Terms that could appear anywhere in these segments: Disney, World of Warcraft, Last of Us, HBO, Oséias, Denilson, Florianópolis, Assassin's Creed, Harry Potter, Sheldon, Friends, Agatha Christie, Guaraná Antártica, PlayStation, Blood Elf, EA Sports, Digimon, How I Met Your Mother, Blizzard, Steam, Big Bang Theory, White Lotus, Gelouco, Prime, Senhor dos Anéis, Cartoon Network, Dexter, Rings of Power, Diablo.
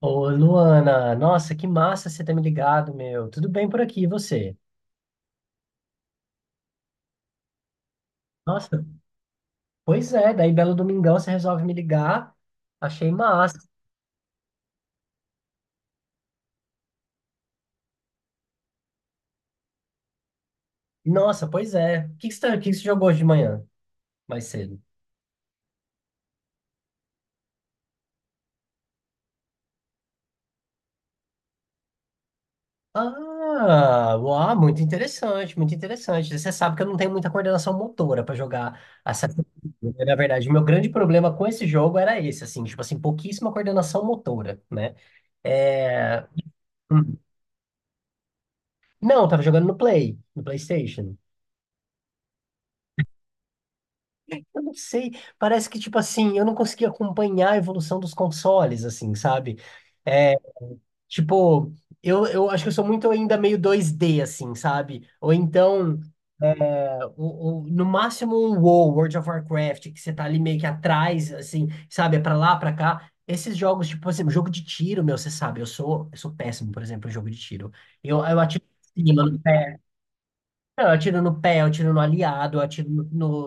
Ô, Luana, nossa, que massa você ter me ligado, meu. Tudo bem por aqui, e você? Nossa, pois é, daí belo domingão você resolve me ligar. Achei massa. Nossa, pois é. O que que você jogou hoje de manhã, mais cedo? Ah, uau, muito interessante, muito interessante. Você sabe que eu não tenho muita coordenação motora para jogar Assassin's Creed, né? Na verdade, o meu grande problema com esse jogo era esse, assim, tipo assim, pouquíssima coordenação motora, né? É... hum. Não, eu tava jogando no Play, no PlayStation. Eu não sei, parece que, tipo assim, eu não consegui acompanhar a evolução dos consoles, assim, sabe? É, tipo, eu acho que eu sou muito ainda meio 2D, assim, sabe? Ou então, no máximo um WoW, World of Warcraft, que você tá ali meio que atrás, assim, sabe? É pra lá, pra cá. Esses jogos, tipo, por exemplo, jogo de tiro, meu, você sabe, eu sou péssimo, por exemplo, em jogo de tiro. Eu atiro em cima, não, eu atiro no pé, eu atiro no aliado, eu atiro no,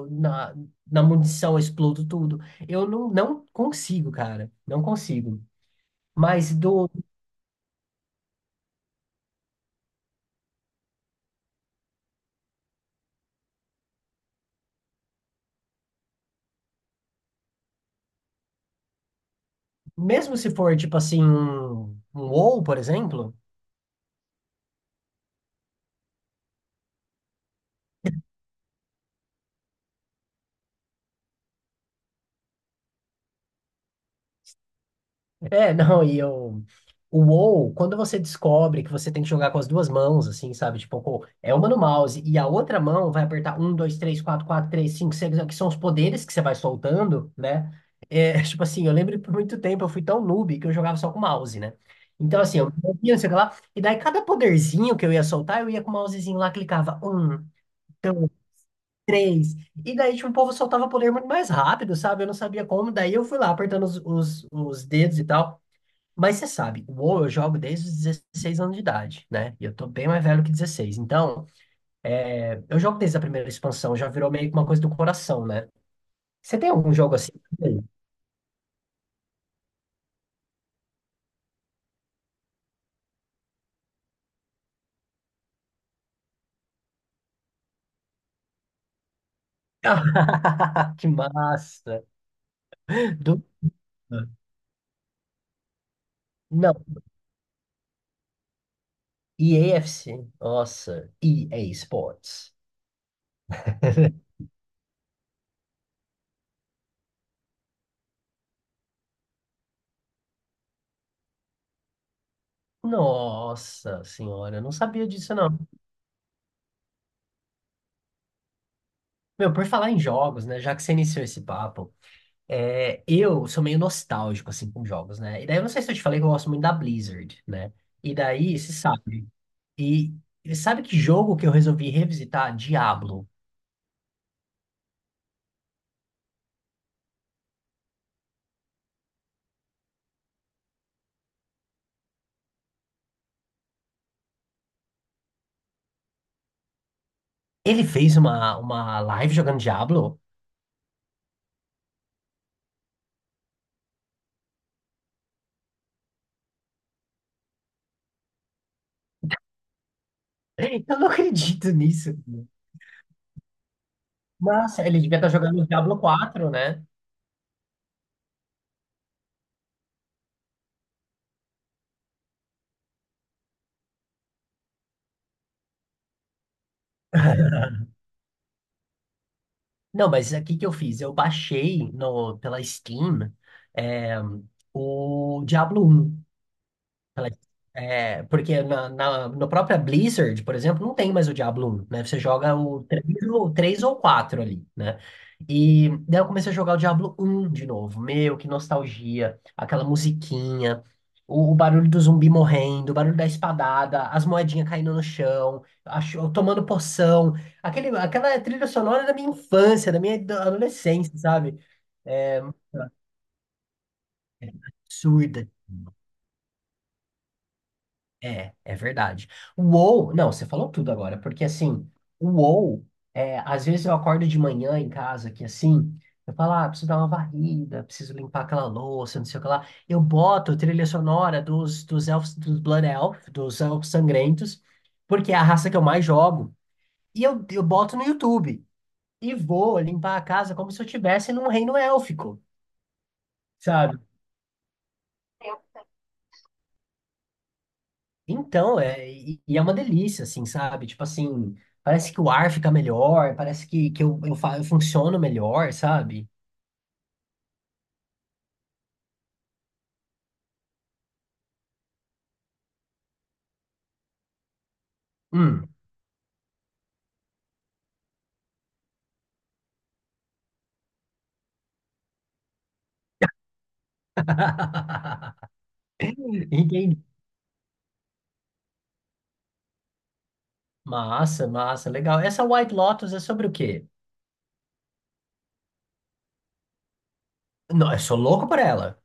no- na, na munição, eu explodo tudo. Eu não, não consigo, cara. Não consigo. Mas do, mesmo se for, tipo assim, um WoW, por exemplo, é, não, e eu. O WoW, quando você descobre que você tem que jogar com as duas mãos, assim, sabe? Tipo, pô, é uma no mouse e a outra mão vai apertar um, dois, três, quatro, quatro, três, cinco, seis, que são os poderes que você vai soltando, né? É, tipo assim, eu lembro que por muito tempo eu fui tão noob que eu jogava só com mouse, né? Então, assim, eu movia, não sei o que lá, e daí cada poderzinho que eu ia soltar, eu ia com o mousezinho lá, clicava um, dois, três, e daí, tipo, o povo soltava poder muito mais rápido, sabe? Eu não sabia como, daí eu fui lá apertando os dedos e tal. Mas você sabe, o WoW eu jogo desde os 16 anos de idade, né? E eu tô bem mais velho que 16. Então, eu jogo desde a primeira expansão, já virou meio que uma coisa do coração, né? Você tem algum jogo assim? Tem. Que massa! Do... Não, EA FC. Nossa, EA Sports. Nossa senhora, eu não sabia disso, não. Meu, por falar em jogos, né? Já que você iniciou esse papo, eu sou meio nostálgico, assim, com jogos, né? E daí eu não sei se eu te falei que eu gosto muito da Blizzard, né? E daí, você sabe. E, e sabe que jogo que eu resolvi revisitar? Diablo. Ele fez uma live jogando Diablo? Eu não acredito nisso. Nossa, ele devia estar jogando Diablo quatro, né? Não, mas o que que eu fiz? Eu baixei no, pela Steam é, o Diablo 1. Ela- É, porque no própria Blizzard, por exemplo, não tem mais o Diablo 1, né? Você joga o 3, ou três ou 4 ali, né? E daí eu comecei a jogar o Diablo 1 de novo. Meu, que nostalgia. Aquela musiquinha, o barulho do zumbi morrendo, o barulho da espadada, as moedinhas caindo no chão, tomando poção. Aquela trilha sonora da minha infância, da minha adolescência, sabe? É, absurda. É, é verdade. O WoW, não, você falou tudo agora, porque assim, o WoW, é, às vezes eu acordo de manhã em casa, que assim, eu falo, ah, preciso dar uma varrida, preciso limpar aquela louça, não sei o que lá. Eu boto a trilha sonora dos elfos, dos Blood Elf, dos elfos sangrentos, porque é a raça que eu mais jogo, e eu boto no YouTube, e vou limpar a casa como se eu estivesse num reino élfico, sabe? Então, é, e é uma delícia, assim, sabe? Tipo assim, parece que o ar fica melhor, parece que eu funciono melhor, sabe? Hum. Entendi. Massa, massa, legal. Essa White Lotus é sobre o quê? Não, eu sou louco por ela.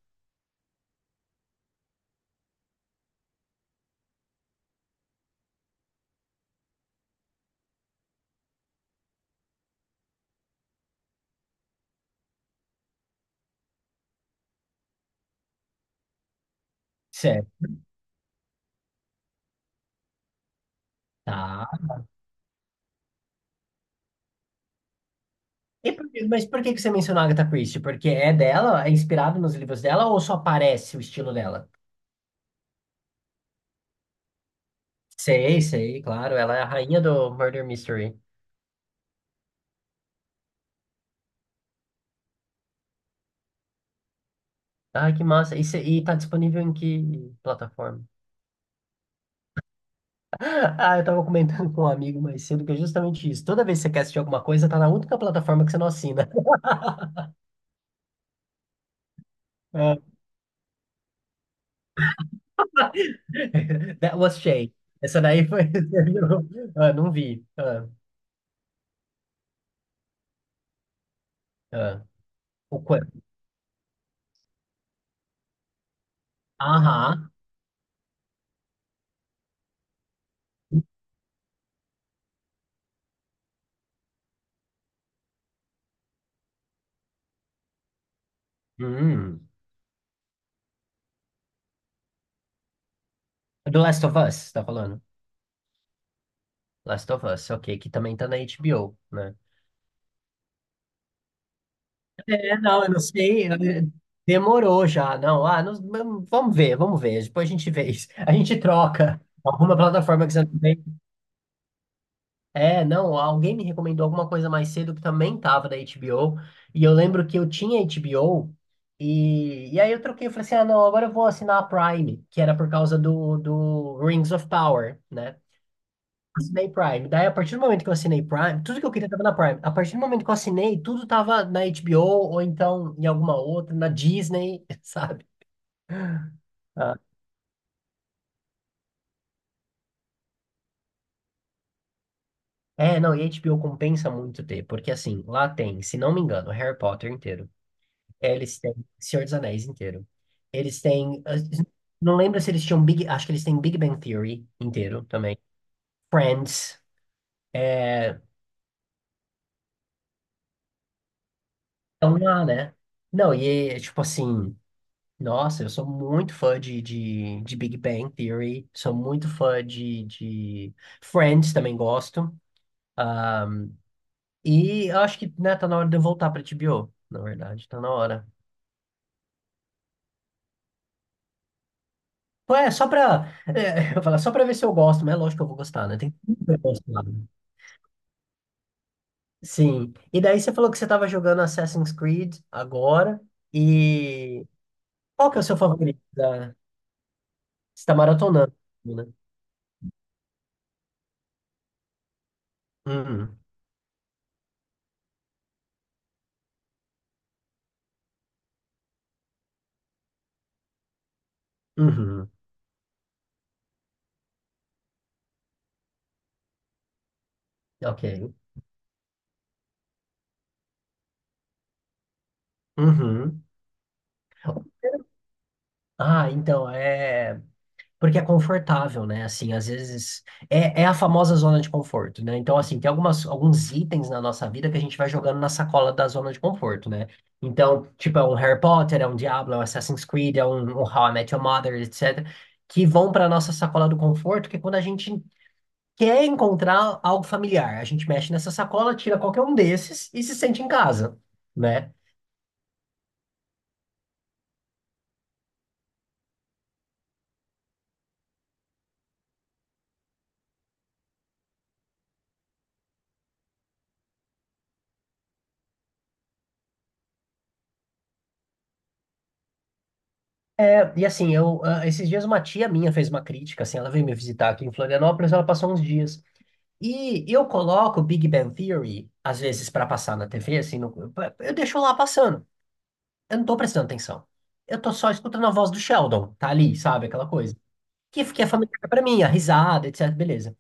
Certo. Tá. Mas por que que você mencionou a Agatha Christie? Porque é dela, é inspirado nos livros dela ou só aparece o estilo dela? Sei, sei, claro. Ela é a rainha do Murder Mystery. Ah, que massa. E tá disponível em que plataforma? Ah, eu tava comentando com um amigo mais cedo que é justamente isso. Toda vez que você quer assistir alguma coisa, tá na única plataforma que você não assina. Ah, That was Shay. Essa daí foi. Ah, não vi. Ah, ah. O quê? Aham. Hum. Do Last of Us, você tá falando? Last of Us, ok, que também tá na HBO, né? É, não, eu não sei. Demorou já, não. Ah, vamos ver, vamos ver. Depois a gente vê isso. A gente troca. Alguma plataforma que você não tem. É, não, alguém me recomendou alguma coisa mais cedo que também tava da HBO, e eu lembro que eu tinha HBO, e aí eu troquei, eu falei assim, ah, não, agora eu vou assinar a Prime, que era por causa do Rings of Power, né? Assinei Prime. Daí, a partir do momento que eu assinei Prime, tudo que eu queria tava na Prime. A partir do momento que eu assinei, tudo tava na HBO, ou então em alguma outra, na Disney, sabe? Ah, é, não, e HBO compensa muito ter, porque assim, lá tem, se não me engano, Harry Potter inteiro. É, eles têm Senhor dos Anéis inteiro. Eles têm. Não lembro se eles tinham Big. Acho que eles têm Big Bang Theory inteiro também. Friends. É, estão lá, né? Não, e é, tipo assim. Nossa, eu sou muito fã de Big Bang Theory. Sou muito fã de Friends, também gosto. Ah, e eu acho que, né, tá na hora de eu voltar pra HBO. Na verdade, tá na hora. Pô, é, só pra. É, eu ia falar, só pra ver se eu gosto, mas é lógico que eu vou gostar, né? Tem tudo pra eu gostar. Né? Sim. E daí você falou que você estava jogando Assassin's Creed agora. E qual que é o seu favorito? Você está maratonando, né? Uhum. Uhum. Ok. Uhum. Ah, então, é. Porque é confortável, né? Assim, às vezes é, é a famosa zona de conforto, né? Então, assim, tem alguns itens na nossa vida que a gente vai jogando na sacola da zona de conforto, né? Então, tipo, é um Harry Potter, é um Diablo, é um Assassin's Creed, é um How I Met Your Mother, etc., que vão para nossa sacola do conforto, que é quando a gente quer encontrar algo familiar, a gente mexe nessa sacola, tira qualquer um desses e se sente em casa, né? É, e assim, eu, ah, esses dias uma tia minha fez uma crítica, assim, ela veio me visitar aqui em Florianópolis, ela passou uns dias. E eu coloco Big Bang Theory, às vezes, para passar na TV, assim, eu deixo lá passando. Eu não tô prestando atenção. Eu tô só escutando a voz do Sheldon, tá ali, sabe, aquela coisa. Que é familiar pra mim, a risada, etc, beleza.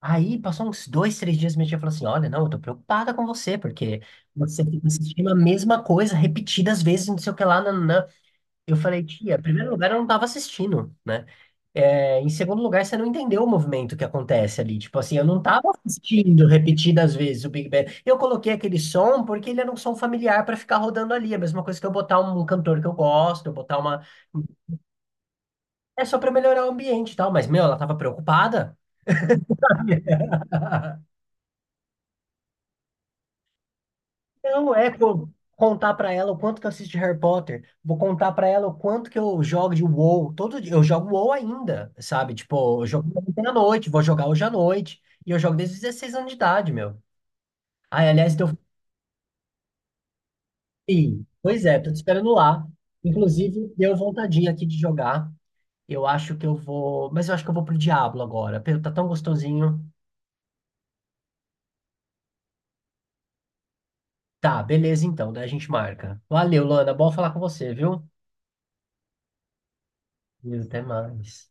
Aí, passou uns dois, três dias, minha tia falou assim, olha, não, eu tô preocupada com você, porque você fica assistindo a mesma coisa repetidas vezes, não sei o que lá, nananã. Eu falei, tia, em primeiro lugar, eu não tava assistindo, né? É, em segundo lugar, você não entendeu o movimento que acontece ali. Tipo assim, eu não estava assistindo repetidas vezes o Big Bang. Eu coloquei aquele som porque ele era um som familiar para ficar rodando ali. É a mesma coisa que eu botar um cantor que eu gosto, eu botar uma. É só para melhorar o ambiente e tal. Mas, meu, ela tava preocupada. Não é contar pra ela o quanto que eu assisto de Harry Potter, vou contar pra ela o quanto que eu jogo de WoW. Todo dia eu jogo WoW ainda, sabe? Tipo, eu jogo ontem à noite, vou jogar hoje à noite. E eu jogo desde os 16 anos de idade, meu. Ai, aliás, teu filho. Pois é, tô te esperando lá. Inclusive, deu vontadinha aqui de jogar. Eu acho que eu vou. Mas eu acho que eu vou pro Diablo agora. Tá tão gostosinho. Tá, beleza então, daí a gente marca. Valeu, Lana. Bom falar com você, viu? E até mais.